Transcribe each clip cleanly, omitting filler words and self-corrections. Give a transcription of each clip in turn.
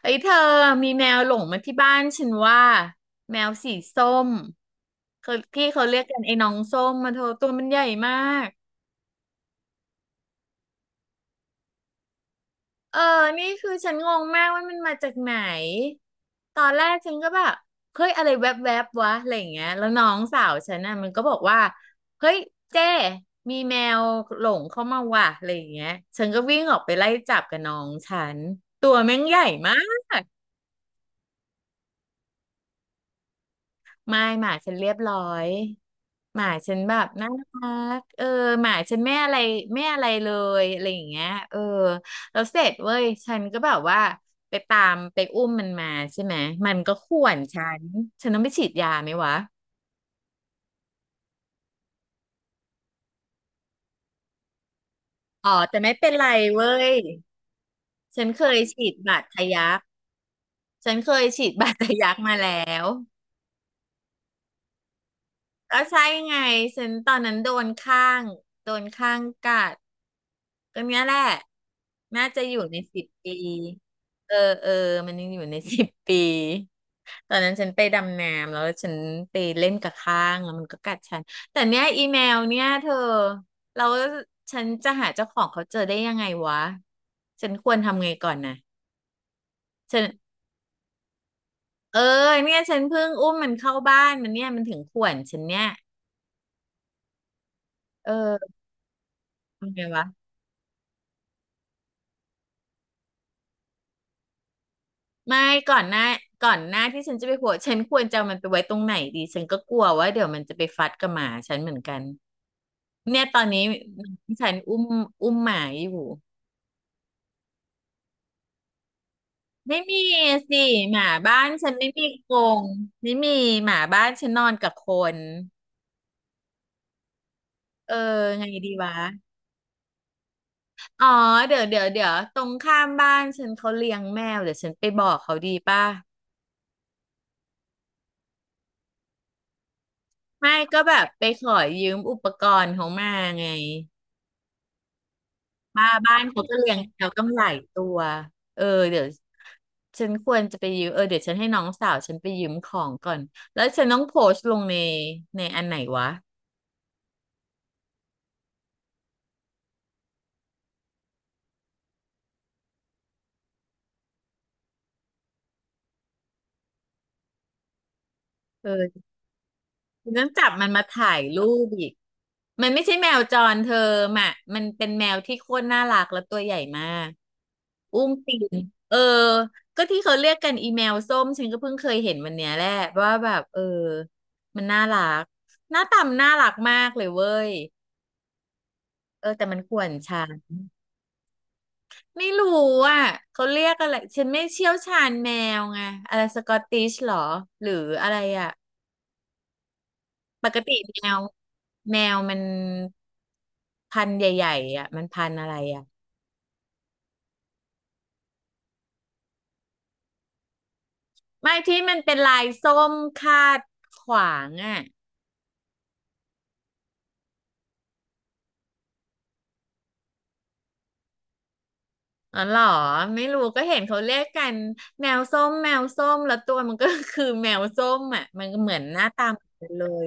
เอ้ยเธอมีแมวหลงมาที่บ้านฉันว่าแมวสีส้มเขาที่เขาเรียกกันไอ้น้องส้มมาเธอตัวมันใหญ่มากเออนี่คือฉันงงมากว่ามันมาจากไหนตอนแรกฉันก็แบบเฮ้ยอะไรแวบๆบวะอะไรอย่างเงี้ยแล้วน้องสาวฉันน่ะมันก็บอกว่าเฮ้ยเจ้มีแมวหลงเข้ามาว่ะอะไรอย่างเงี้ยฉันก็วิ่งออกไปไล่จับกับน้องฉันตัวแม่งใหญ่มาก ไม่หมาฉันเรียบร้อยหมาฉันแบบน่ารักเออหมาฉันไม่อะไรไม่อะไรเลยอะไรอย่างเงี้ยเออแล้วเสร็จเว้ยฉันก็แบบว่าไปตามไปอุ้มมันมาใช่ไหมมันก็ข่วนฉันฉันต้องไปฉีดยาไหมวะอ๋อแต่ไม่เป็นไรเว้ยฉันเคยฉีดบาดทะยักฉันเคยฉีดบาดทะยักมาแล้ว ก็ใช่ไงฉันตอนนั้นโดนข้างกัดก็เนี้ยแหละน่าจะอยู่ในสิบปีเออเออมันยังอยู่ใน สิบปีตอนนั้นฉันไปดำน้ำแล้วฉันไปเล่นกับข้างแล้วมันก็กัดฉันแต่เนี้ยอีเมลเนี่ยเธอเราฉันจะหาเจ้าของเขาเจอได้ยังไงวะฉันควรทำไงก่อนนะฉันเออเนี่ยฉันเพิ่งมันเข้าบ้านมันเนี่ยมันถึงข่วนฉันเนี่ยเออทำไงวะ ไม่ก่อนหน้าก่อนหน้าที่ฉันจะไปหัวฉันควรจะเอามันไปไว้ตรงไหนดีฉันก็กลัวว่าเดี๋ยวมันจะไปฟัดกับหมาฉันเหมือนกันเนี่ยตอนนี้ฉันอุ้มหมาอยู่ไม่มีสิหมาบ้านฉันไม่มีกรงไม่มีหมาบ้านฉันนอนกับคนเออไงดีวะอ๋อเดี๋ยวเดี๋ยวเดี๋ยวตรงข้ามบ้านฉันเขาเลี้ยงแมวเดี๋ยวฉันไปบอกเขาดีป่ะไม่ก็แบบไปขอยืมอุปกรณ์เขามาไง มาบ้านเขาก็เลี้ยงแมวตั้งหลายตัวเออเดี๋ยวฉันควรจะไปยืมเออเดี๋ยวฉันให้น้องสาวฉันไปยืมของก่อนแล้วฉันต้องโพสต์ลงในในอันไหนวะเออฉันต้องจับมันมาถ่ายรูปอีกมันไม่ใช่แมวจรเธอมะมันเป็นแมวที่โคตรน่ารักและตัวใหญ่มากอุ้มตีนเออก็ที่เขาเรียกกันอีแมวส้มฉันก็เพิ่งเคยเห็นวันเนี้ยแหละว่าแบบเออมันน่ารักหน้าตามนน่ารักมากเลยเว้ยเออแต่มันข่วนช้า ไม่รู้อ่ะเขาเรียกอะไรฉันไม่เชี่ยวชาญแมวไงอะไรสกอตติชหรอหรืออะไรอ่ะปกติแมวมันพันธุ์ใหญ่ๆอ่ะมันพันธุ์อะไรอ่ะไม่ที่มันเป็นลายส้มคาดขวางอ่ะอ๋อเหรอไม่รู้ก็เห็นเขาเรียกกันแมวส้มแมวส้มแล้วตัวมันก็ คือแมวส้มอ่ะมันก็เหมือนหน้าตาเหมือนกันเลย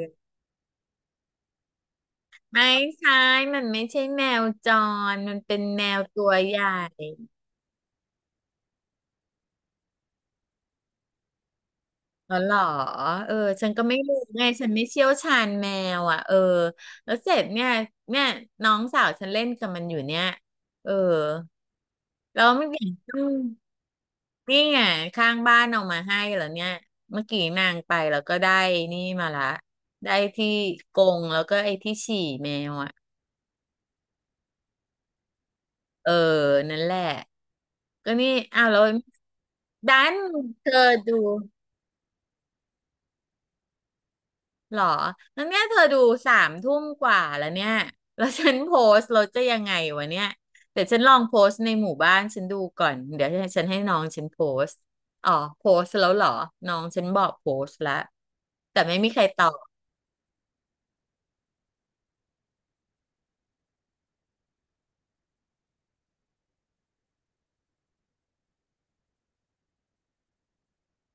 ไม่ใช่มันไม่ใช่แมวจรมันเป็นแมวตัวใหญ่ อ๋อเหรอเออฉันก็ไม่รู้ไงฉันไม่เชี่ยวชาญแมวอ่ะเออแล้วเสร็จเนี่ยน้องสาวฉันเล่นกับมันอยู่เนี่ยเออแล้วเมื่อกี้อืมนี่ไงข้างบ้านเอามาให้แล้วเนี่ยเมื่อกี้นางไปแล้วก็ได้นี่มาละได้ที่กรงแล้วก็ไอ้ที่ฉี่แมวอ่ะเออนั่นแหละก็นี่อ้าวแล้วดันเธอดู หรอแล้วเนี่ยเธอดูสามทุ่มกว่าแล้วเนี่ยแล้วฉันโพสต์เราจะยังไงวะเนี่ยแต่ฉันลองโพสต์ในหมู่บ้านฉันดูก่อนเดี๋ยวฉันให้น้องฉันโพสต์อ๋อโพสต์แล้วเหรอน้องฉันบอกโพสต์แล้วแต่ไม่มีใครตอบ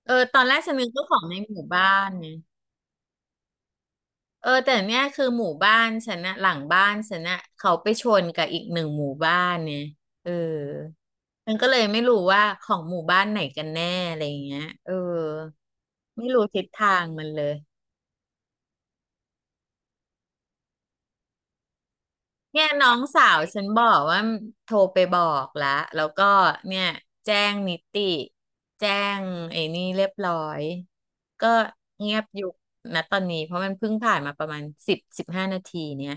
เออตอนแรกฉันนึกว่าของในหมู่บ้านนะ เออแต่เนี่ยคือหมู่บ้านฉันนะหลังบ้านฉันนะเขาไปชนกับอีกหนึ่งหมู่บ้านเนี่ยเออมันก็เลยไม่รู้ว่าของหมู่บ้านไหนกันแน่อะไรอย่างเงี้ยเออไม่รู้ทิศทางมันเลยเนี่ยน้องสาวฉันบอกว่าโทรไปบอกแล้วแล้วก็เนี่ยแจ้งนิติแจ้งไอ้นี่เรียบร้อยก็เงียบอยู่นะตอนนี้เพราะมันเพิ่งผ่านมาประมาณ10-15 นาทีเนี่ย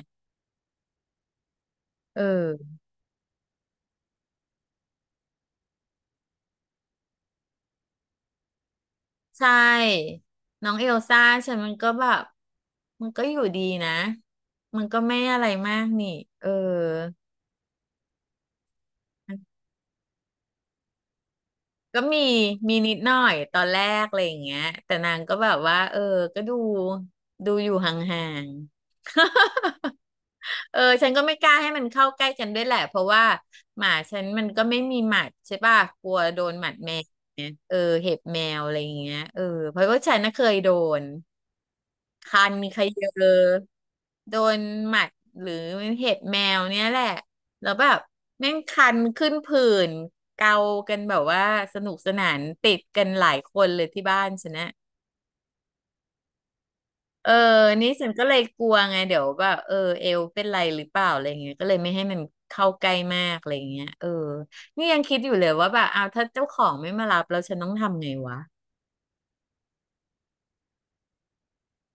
เออ ใช่น้องเอลซ่าฉันมันก็แบบมันก็อยู่ดีนะมันก็ไม่อะไรมากนี่เออก็มีนิดหน่อยตอนแรกอะไรอย่างเงี้ยแต่นางก็แบบว่าเออก็ดูอยู่ห่างๆ เออฉันก็ไม่กล้าให้มันเข้าใกล้กันด้วยแหละเพราะว่าหมาฉันมันก็ไม่มีหมัดใช่ป่ะกลัวโดนหมัดแมวเออเห็บแมวอะไรอย่างเงี้ยเออเพราะว่าฉันน่ะเคยโดน คันมีใครเยอะโดนหมัดหรือเห็บแมวเนี่ยแหละแล้วแบบแม่งคันขึ้นผื่นเกากันแบบว่าสนุกสนานติดกันหลายคนเลยที่บ้านฉันนะเออนี่ฉันก็เลยกลัวไงเดี๋ยวแบบเอวเป็นไรหรือเปล่าอะไรเงี้ยก็เลยไม่ให้มันเข้าใกล้มากอะไรเงี้ยนี่ยังคิดอยู่เลยว่าแบบเอาถ้าเจ้าของไม่มารับแล้วฉันต้องทำไงวะ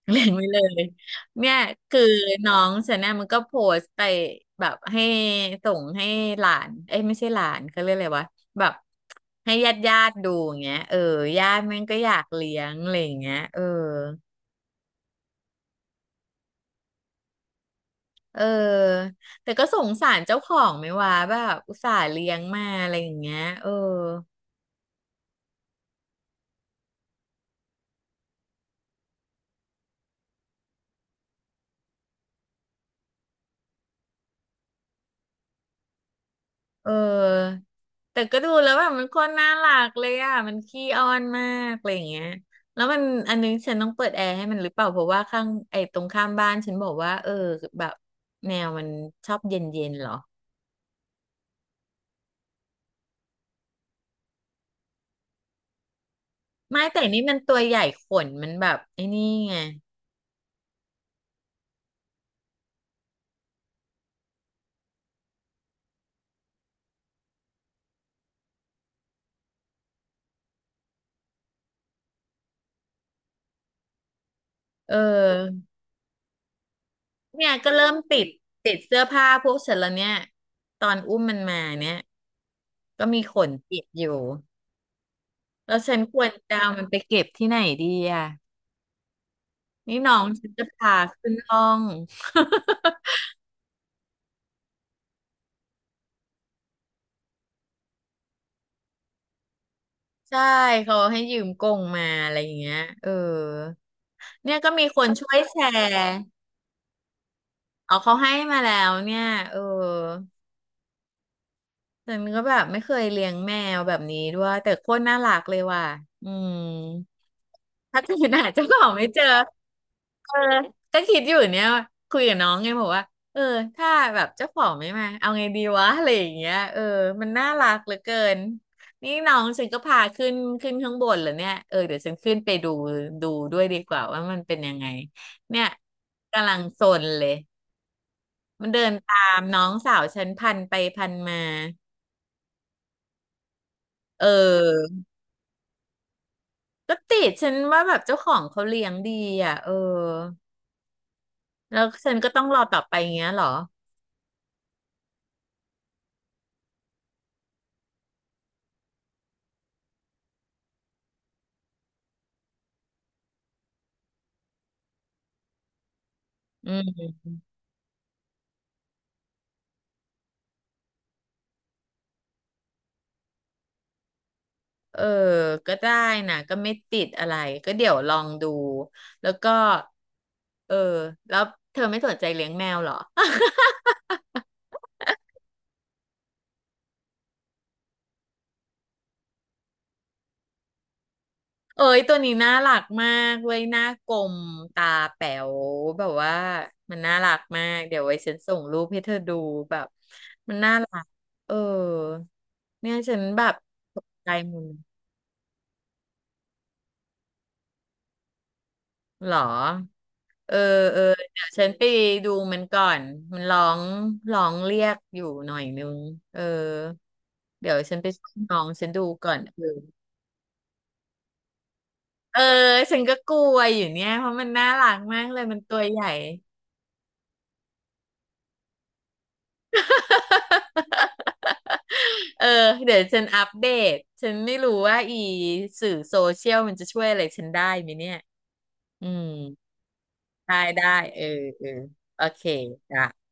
เล็งไว้เลยเนี่ยคือน้องฉันเนี่ยมันก็โพสต์ไปแบบให้ส่งให้หลานเอ้ยไม่ใช่หลานเขาเรียกอะไรวะแบบให้ญาติดูอย่างเงี้ยญาติแม่งก็อยากเลี้ยงอะไรอย่างเงี้ยเออแต่ก็สงสารเจ้าของไหมวะแบบอุตส่าห์เลี้ยงมาอะไรอย่างเงี้ยเออแต่ก็ดูแล้วแบบมันโคนน่ารักเลยอ่ะมันขี้อ้อนมากอะไรอย่างเงี้ยแล้วมันอันนึงฉันต้องเปิดแอร์ให้มันหรือเปล่าเพราะว่าข้างไอ้ตรงข้ามบ้านฉันบอกว่าแบบแมวมันชอบเย็นๆเหรอไม่แต่นี่มันตัวใหญ่ขนมันแบบไอ้นี่ไงเออเนี่ยก็เริ่มติดเสื้อผ้าพวกฉันแล้วเนี่ยตอนอุ้มมันมาเนี่ยก็มีขนติดอยู่แล้วฉันควรจะเอามันไปเก็บที่ไหนดีอ่ะ นี่น้องฉันจะพาขึ้นห้อง ใช่เขาให้ยืมกงมาอะไรอย่างเงี้ยเนี่ยก็มีคนช่วยแชร์เอาเขาให้มาแล้วเนี่ยเออ ฉันก็แบบไม่เคยเลี้ยงแมวแบบนี้ด้วยแต่โคตรน่ารักเลยว่ะอืมถ้าเกิดหาเจ้าของไม่เจอเออก็คิดอยู่เนี่ยคุยกับน้องไงบอกว่าเออถ้าแบบเจ้าของไม่มาเอาไงดีวะอะไรอย่างเงี้ยมันน่ารักเหลือเกินนี่น้องฉันก็พาขึ้นข้างบนเหรอเนี่ยเดี๋ยวฉันขึ้นไปดูดูด้วยดีกว่าว่ามันเป็นยังไงเนี่ยกำลังซนเลยมันเดินตามน้องสาวฉันพันไปพันมาเออ ก็ติดฉันว่าแบบเจ้าของเขาเลี้ยงดีอ่ะแล้วฉันก็ต้องรอต่อไปอย่างเงี้ยเหรออืมเออก็ได้นะก็ไม่ติดอะไรก็เดี๋ยวลองดูแล้วก็เออแล้วเธอไม่สนใจเลี้ยงแมวเหรอ เอ้ยตัวนี้น่ารักมากเว้ยหน้ากลมตาแป๋วแบบว่ามันน่ารักมากเดี๋ยวไว้ฉันส่งรูปให้เธอดูแบบมันน่ารักเออเนี่ยฉันแบบตกใจมึงเหรอ เออเออเดี๋ยวฉันไปดูมันก่อนมันร้องเรียกอยู่หน่อยนึงเออเดี๋ยวฉันไปช่วยน้องฉันดูก่อนเออฉันก็กลัวอยู่เนี่ยเพราะมันน่ารักมากเลยมันตัวใหญ่ เออเดี๋ยวฉันอัปเดตฉันไม่รู้ว่าอีสื่อโซเชียลมันจะช่วยอะไรฉันได้ไหมเนี่ยอืมได้ได้เออเออโอเคจ้ะ